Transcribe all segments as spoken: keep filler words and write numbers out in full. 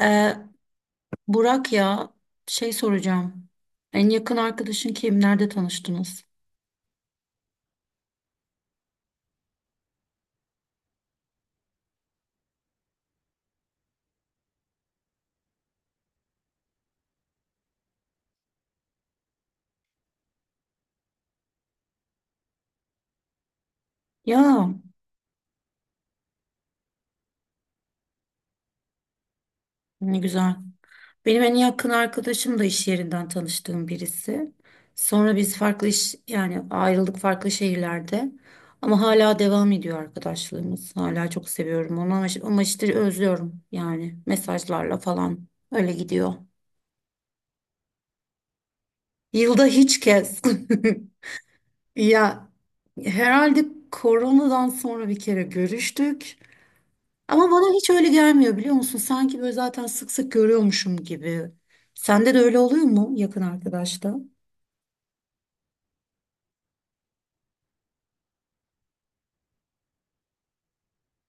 Ee, Burak ya şey soracağım. En yakın arkadaşın kim? Nerede tanıştınız? Ya ne güzel. Benim en yakın arkadaşım da iş yerinden tanıştığım birisi. Sonra biz farklı iş yani ayrıldık farklı şehirlerde. Ama hala devam ediyor arkadaşlığımız. Hala çok seviyorum onu ama, ama işte özlüyorum yani mesajlarla falan öyle gidiyor. Yılda hiç kez. Ya herhalde koronadan sonra bir kere görüştük. Ama bana hiç öyle gelmiyor biliyor musun? Sanki böyle zaten sık sık görüyormuşum gibi. Sende de öyle oluyor mu yakın arkadaşta?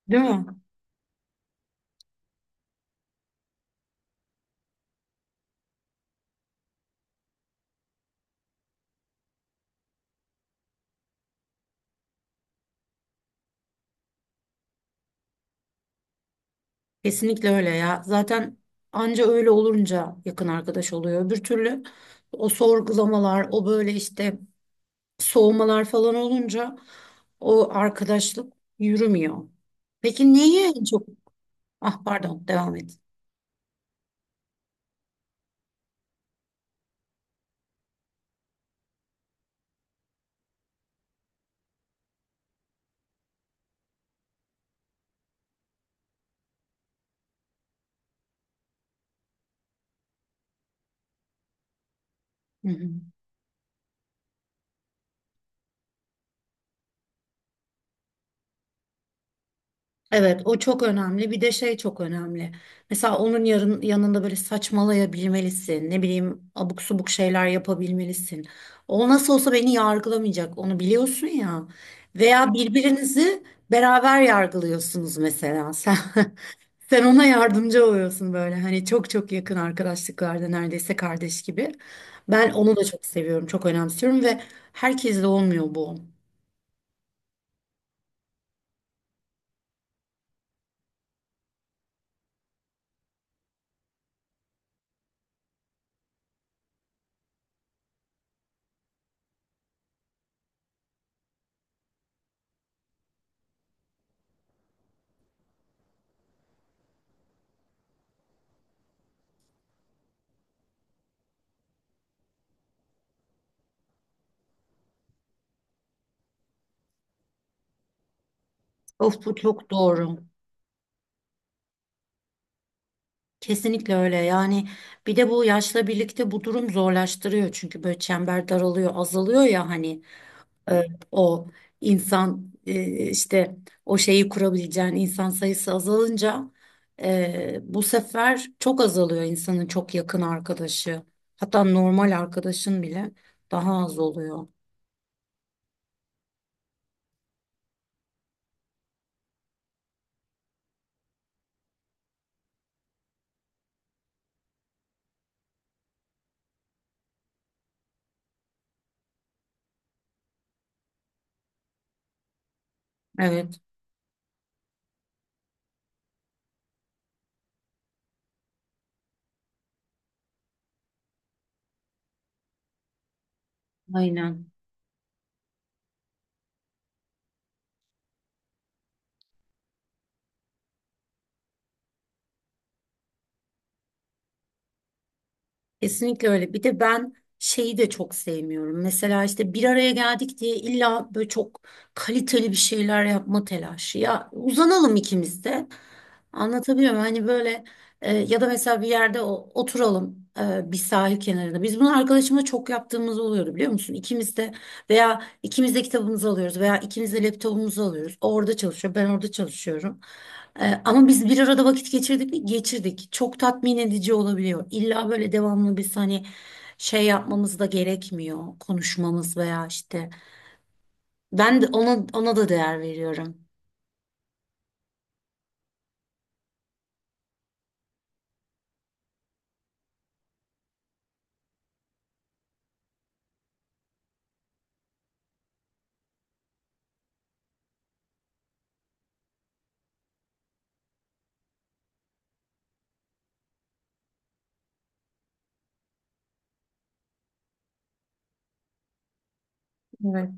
Değil mi? Kesinlikle öyle ya. Zaten anca öyle olunca yakın arkadaş oluyor. Öbür türlü o sorgulamalar, o böyle işte soğumalar falan olunca o arkadaşlık yürümüyor. Peki neyi en çok... Ah pardon devam et. Hı hı. Evet, o çok önemli. Bir de şey çok önemli. Mesela onun yarın yanında böyle saçmalayabilmelisin. Ne bileyim, abuk subuk şeyler yapabilmelisin. O nasıl olsa beni yargılamayacak. Onu biliyorsun ya. Veya birbirinizi beraber yargılıyorsunuz mesela. Sen sen ona yardımcı oluyorsun böyle. Hani çok çok yakın arkadaşlıklarda neredeyse kardeş gibi. Ben onu da çok seviyorum, çok önemsiyorum ve herkesle olmuyor bu. Of bu çok doğru. Kesinlikle öyle yani bir de bu yaşla birlikte bu durum zorlaştırıyor çünkü böyle çember daralıyor azalıyor ya hani e, o insan e, işte o şeyi kurabileceğin insan sayısı azalınca e, bu sefer çok azalıyor insanın çok yakın arkadaşı hatta normal arkadaşın bile daha az oluyor. Evet aynen. Kesinlikle öyle. Bir de ben şeyi de çok sevmiyorum. Mesela işte bir araya geldik diye illa böyle çok kaliteli bir şeyler yapma telaşı. Ya uzanalım ikimiz de. Anlatabiliyor muyum? Hani böyle e, ya da mesela bir yerde o- oturalım e, bir sahil kenarında. Biz bunu arkadaşımla çok yaptığımız oluyordu biliyor musun? İkimiz de veya ikimiz de kitabımızı alıyoruz veya ikimiz de laptopumuzu alıyoruz. O orada çalışıyor, ben orada çalışıyorum. Ee, ama biz bir arada vakit geçirdik mi? Geçirdik. Çok tatmin edici olabiliyor. İlla böyle devamlı biz hani şey yapmamız da gerekmiyor. Konuşmamız veya işte. Ben de ona, ona da değer veriyorum. Evet.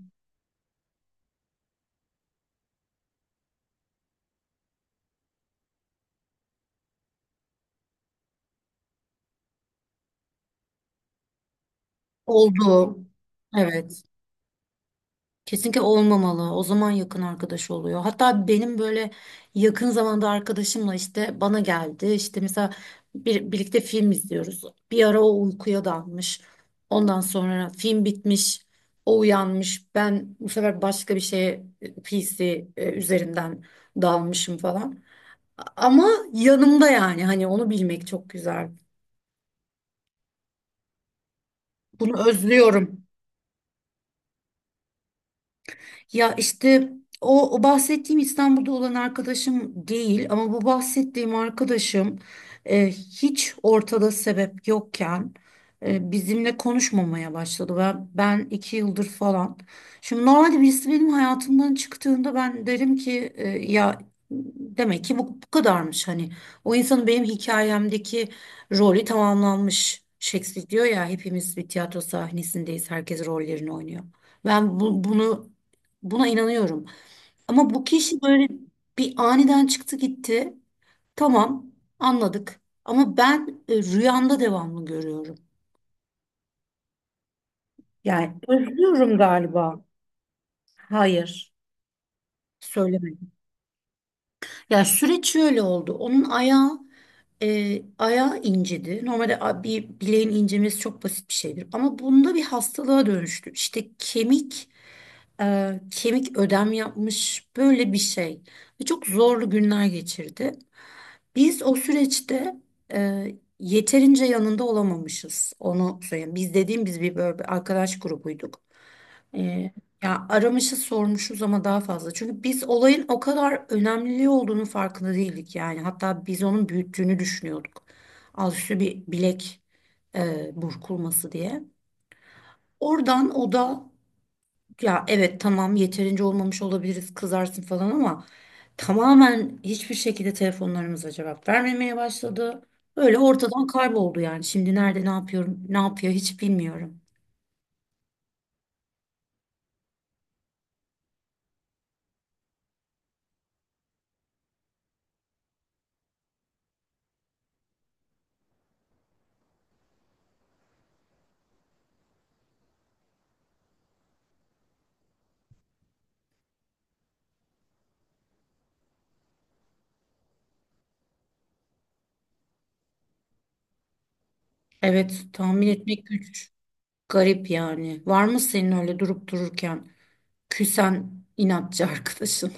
Oldu. Evet. Kesinlikle olmamalı. O zaman yakın arkadaş oluyor. Hatta benim böyle yakın zamanda arkadaşımla işte bana geldi. İşte mesela bir, birlikte film izliyoruz. Bir ara o uykuya dalmış. Ondan sonra film bitmiş. O uyanmış. Ben bu sefer başka bir şeye e, P C e, üzerinden dalmışım falan. Ama yanımda yani hani onu bilmek çok güzel. Bunu özlüyorum. Ya işte o, o bahsettiğim İstanbul'da olan arkadaşım değil ama bu bahsettiğim arkadaşım e, hiç ortada sebep yokken e, bizimle konuşmamaya başladı. Ben, ben iki yıldır falan. Şimdi normalde birisi benim hayatımdan çıktığında ben derim ki e, ya demek ki bu, bu kadarmış hani. O insanın benim hikayemdeki rolü tamamlanmış. Shakespeare diyor ya hepimiz bir tiyatro sahnesindeyiz. Herkes rollerini oynuyor. Ben bu- bunu Buna inanıyorum. Ama bu kişi böyle bir aniden çıktı gitti. Tamam, anladık. Ama ben e, rüyamda devamlı görüyorum. Yani özlüyorum galiba. Hayır, söylemedim. Ya süreç şöyle oldu. Onun ayağı e, ayağı incedi. Normalde a- bir bileğin incemesi çok basit bir şeydir. Ama bunda bir hastalığa dönüştü. İşte kemik e, kemik ödem yapmış böyle bir şey ve çok zorlu günler geçirdi. Biz o süreçte e, yeterince yanında olamamışız. Onu söyleyeyim. Biz dediğim biz bir böyle bir arkadaş grubuyduk. E, ya aramışız sormuşuz ama daha fazla. Çünkü biz olayın o kadar önemli olduğunu farkında değildik yani. Hatta biz onun büyüttüğünü düşünüyorduk. Alt üstü bir bilek e, burkulması diye. Oradan o da ya evet tamam yeterince olmamış olabiliriz kızarsın falan ama tamamen hiçbir şekilde telefonlarımıza cevap vermemeye başladı. Öyle ortadan kayboldu yani. Şimdi nerede ne yapıyorum ne yapıyor hiç bilmiyorum. Evet tahmin etmek güç. Garip yani. Var mı senin öyle durup dururken küsen inatçı arkadaşın?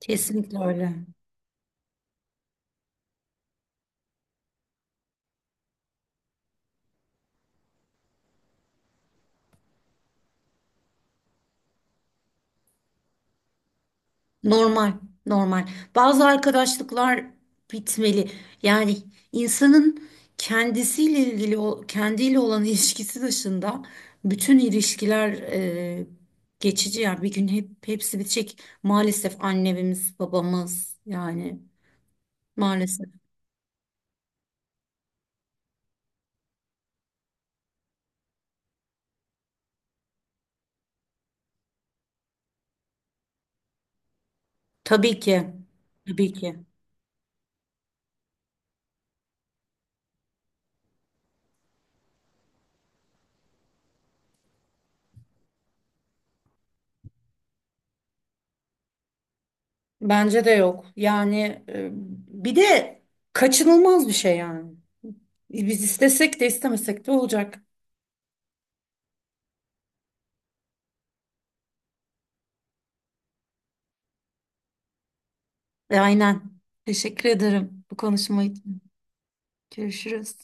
Kesinlikle öyle. Normal, normal. Bazı arkadaşlıklar bitmeli. Yani insanın kendisiyle ilgili, o- kendiyle olan ilişkisi dışında bütün ilişkiler e, geçici. Yani bir gün hep hepsi bitecek. Maalesef annemiz, babamız yani maalesef. Tabii ki, tabii ki. Bence de yok. Yani e, bir de kaçınılmaz bir şey yani. Biz istesek de istemesek de olacak. Aynen. Teşekkür ederim bu konuşma için. Görüşürüz.